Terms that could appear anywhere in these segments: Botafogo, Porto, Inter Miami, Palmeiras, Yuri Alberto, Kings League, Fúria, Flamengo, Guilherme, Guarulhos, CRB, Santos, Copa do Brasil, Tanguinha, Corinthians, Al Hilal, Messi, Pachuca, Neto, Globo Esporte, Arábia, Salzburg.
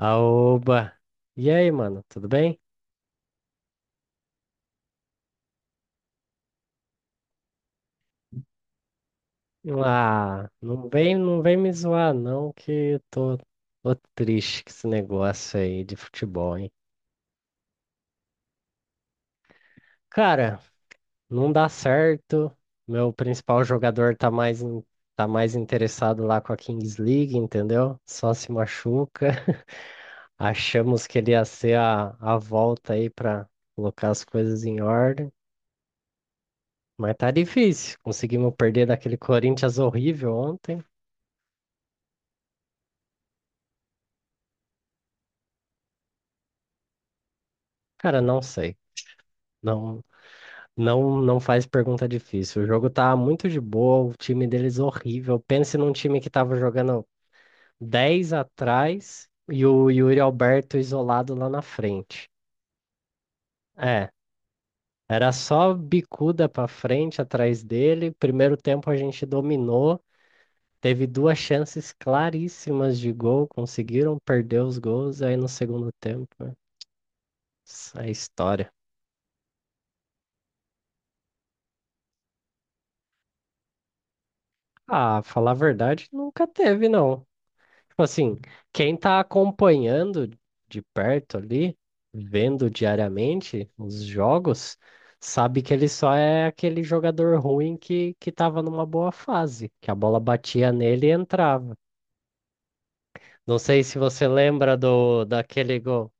Aoba! E aí, mano, tudo bem? Ah, não vem, não vem me zoar, não, que eu tô triste com esse negócio aí de futebol, hein? Cara, não dá certo. Meu principal jogador tá mais interessado lá com a Kings League, entendeu? Só se machuca. Achamos que ele ia ser a volta aí pra colocar as coisas em ordem, mas tá difícil. Conseguimos perder daquele Corinthians horrível ontem. Cara, não sei. Não, não, não faz pergunta difícil. O jogo tá muito de boa, o time deles é horrível. Pense num time que tava jogando 10 atrás e o Yuri Alberto isolado lá na frente. É, era só bicuda pra frente atrás dele. Primeiro tempo a gente dominou, teve duas chances claríssimas de gol, conseguiram perder os gols, aí no segundo tempo, né, essa é a história. Ah, falar a verdade, nunca teve, não. Tipo assim, quem tá acompanhando de perto ali, vendo diariamente os jogos, sabe que ele só é aquele jogador ruim que tava numa boa fase, que a bola batia nele e entrava. Não sei se você lembra do daquele gol,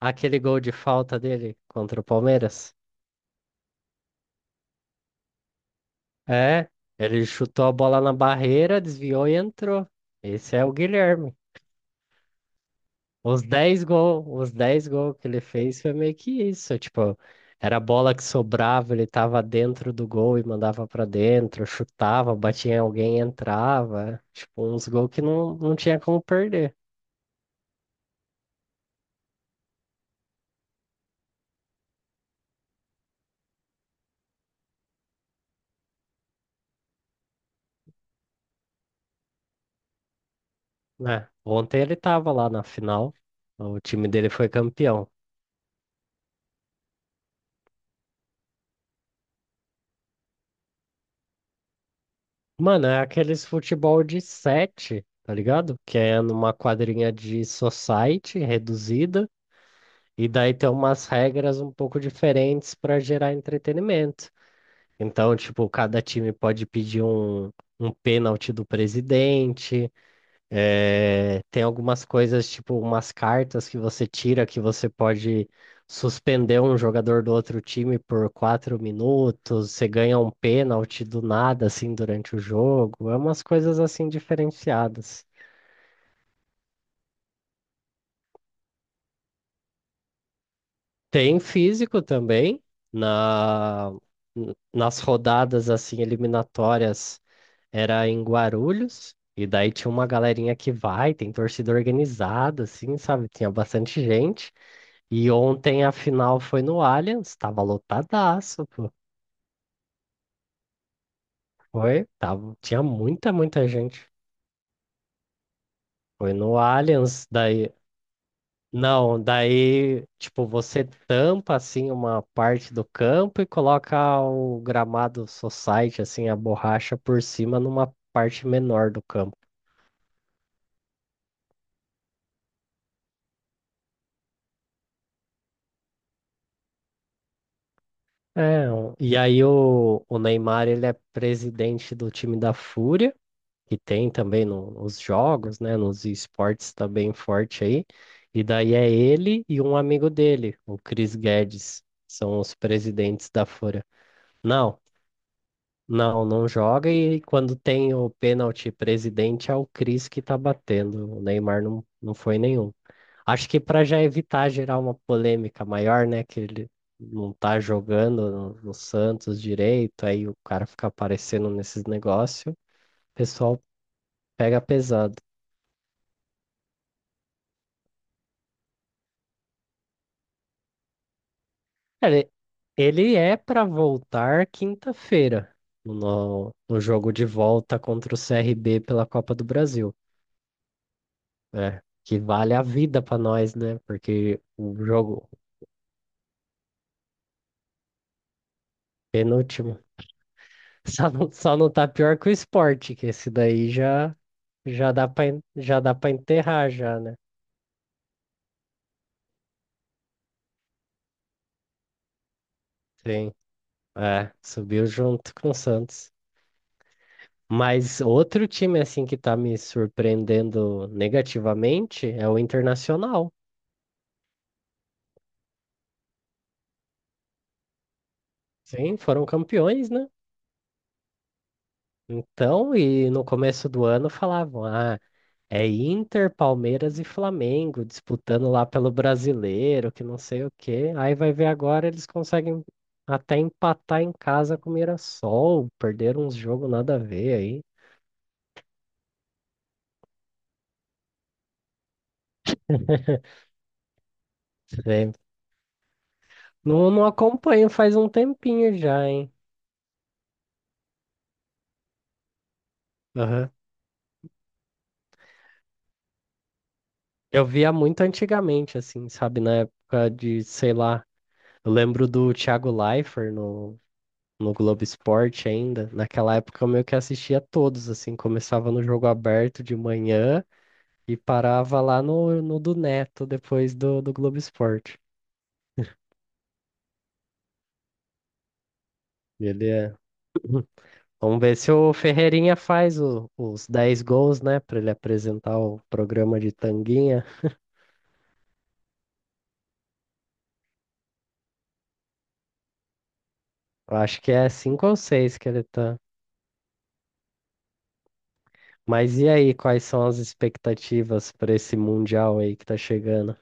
aquele gol de falta dele contra o Palmeiras. É, ele chutou a bola na barreira, desviou e entrou. Esse é o Guilherme. Os dez gols que ele fez foi meio que isso, tipo, era a bola que sobrava, ele tava dentro do gol e mandava pra dentro, chutava, batia em alguém e entrava, tipo, uns gols que não tinha como perder, né? Ontem ele tava lá na final, o time dele foi campeão. Mano, é aqueles futebol de 7, tá ligado? Que é numa quadrinha de society reduzida, e daí tem umas regras um pouco diferentes pra gerar entretenimento. Então, tipo, cada time pode pedir um pênalti do presidente. Tem algumas coisas, tipo, umas cartas que você tira que você pode suspender um jogador do outro time por 4 minutos. Você ganha um pênalti do nada, assim, durante o jogo. É umas coisas, assim, diferenciadas. Tem físico também, na, nas rodadas, assim, eliminatórias. Era em Guarulhos, e daí tinha uma galerinha que vai, tem torcida organizada, assim, sabe? Tinha bastante gente. E ontem a final foi no Allianz, tava lotadaço, pô. Foi, tava, tinha muita, muita gente. Foi no Allianz, daí. Não, daí, tipo, você tampa, assim, uma parte do campo e coloca o gramado society, assim, a borracha por cima numa parte menor do campo. É, o- e aí o Neymar, ele é presidente do time da Fúria, que tem também nos jogos, né, nos esportes tá bem forte aí. E daí é ele e um amigo dele, o Chris Guedes, são os presidentes da Fúria. Não, não, não joga e quando tem o pênalti presidente é o Chris que tá batendo, o Neymar não foi nenhum. Acho que para já evitar gerar uma polêmica maior, né? Que ele não tá jogando no Santos direito, aí o cara fica aparecendo nesses negócios, o pessoal pega pesado. Ele, ele é para voltar quinta-feira no jogo de volta contra o CRB pela Copa do Brasil, né? Que vale a vida para nós, né? Porque o jogo, penúltimo. Só não tá pior que o esporte, que esse daí já, já dá pra enterrar já, né? Sim. É, subiu junto com o Santos. Mas outro time, assim, que tá me surpreendendo negativamente é o Internacional. Sim, foram campeões, né? Então, e no começo do ano falavam, ah, é Inter, Palmeiras e Flamengo disputando lá pelo brasileiro, que não sei o quê. Aí vai ver agora eles conseguem até empatar em casa com o Mirassol, perderam uns jogos nada a ver aí. É. Não, não acompanho faz um tempinho já, hein? Aham. Eu via muito antigamente, assim, sabe? Na época de, sei lá, eu lembro do Thiago Leifert no Globo Esporte ainda. Naquela época eu meio que assistia todos, assim, começava no jogo aberto de manhã. E parava lá no do Neto, depois do Globo Esporte. E ele é... Vamos ver se o Ferreirinha faz os 10 gols, né? Pra ele apresentar o programa de Tanguinha. Eu acho que é 5 ou 6 que ele tá. Mas e aí, quais são as expectativas para esse Mundial aí que tá chegando?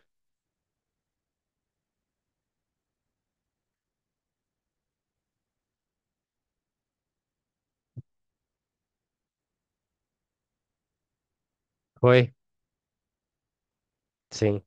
Oi? Sim.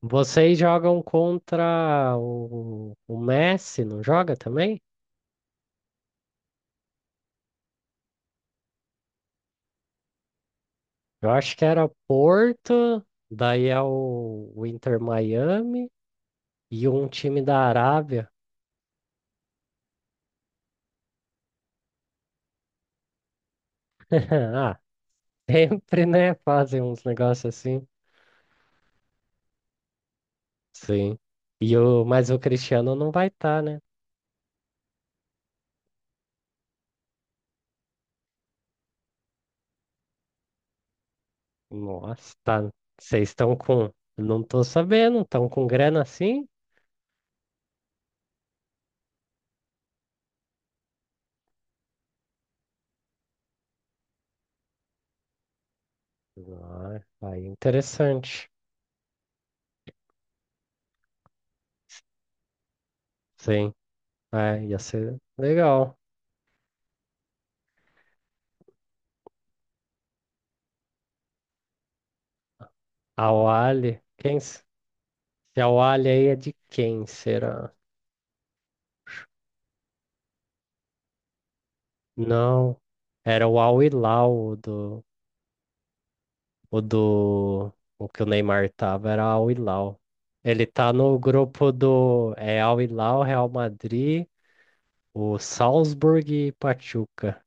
Vocês jogam contra o Messi, não joga também? Eu acho que era Porto, daí é o Inter Miami. E um time da Arábia. Ah, sempre, né? Fazem uns negócios assim. Sim. Mas o Cristiano não vai estar, né? Nossa, tá. Vocês estão com. Não tô sabendo, estão com grana assim? Ah, aí é interessante. Sim. É, ia ser legal. A Wally, quem? S- Se a Wally aí é de quem será? Não. Era o Al Hilal, o do. O do. O que o Neymar tava era Al Hilal. Ele tá no grupo do. É Al Hilal, Real Madrid, o Salzburg e Pachuca.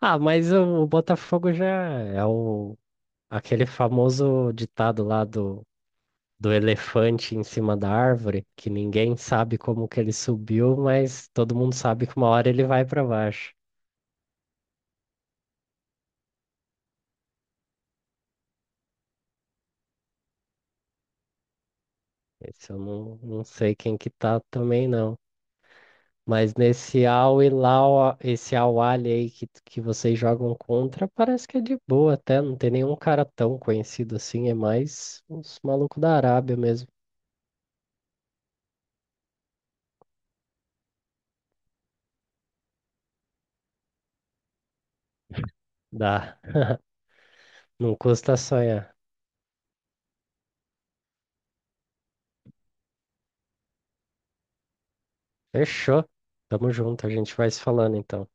Ah, mas o Botafogo já é o. Aquele famoso ditado lá do elefante em cima da árvore, que ninguém sabe como que ele subiu, mas todo mundo sabe que uma hora ele vai para baixo. Esse eu não sei quem que tá também, não. Mas nesse Au e Lau, esse Au Ali aí que vocês jogam contra, parece que é de boa até, não tem nenhum cara tão conhecido assim, é mais os malucos da Arábia mesmo. Dá. Não custa sonhar. Fechou. Tamo junto, a gente vai se falando então.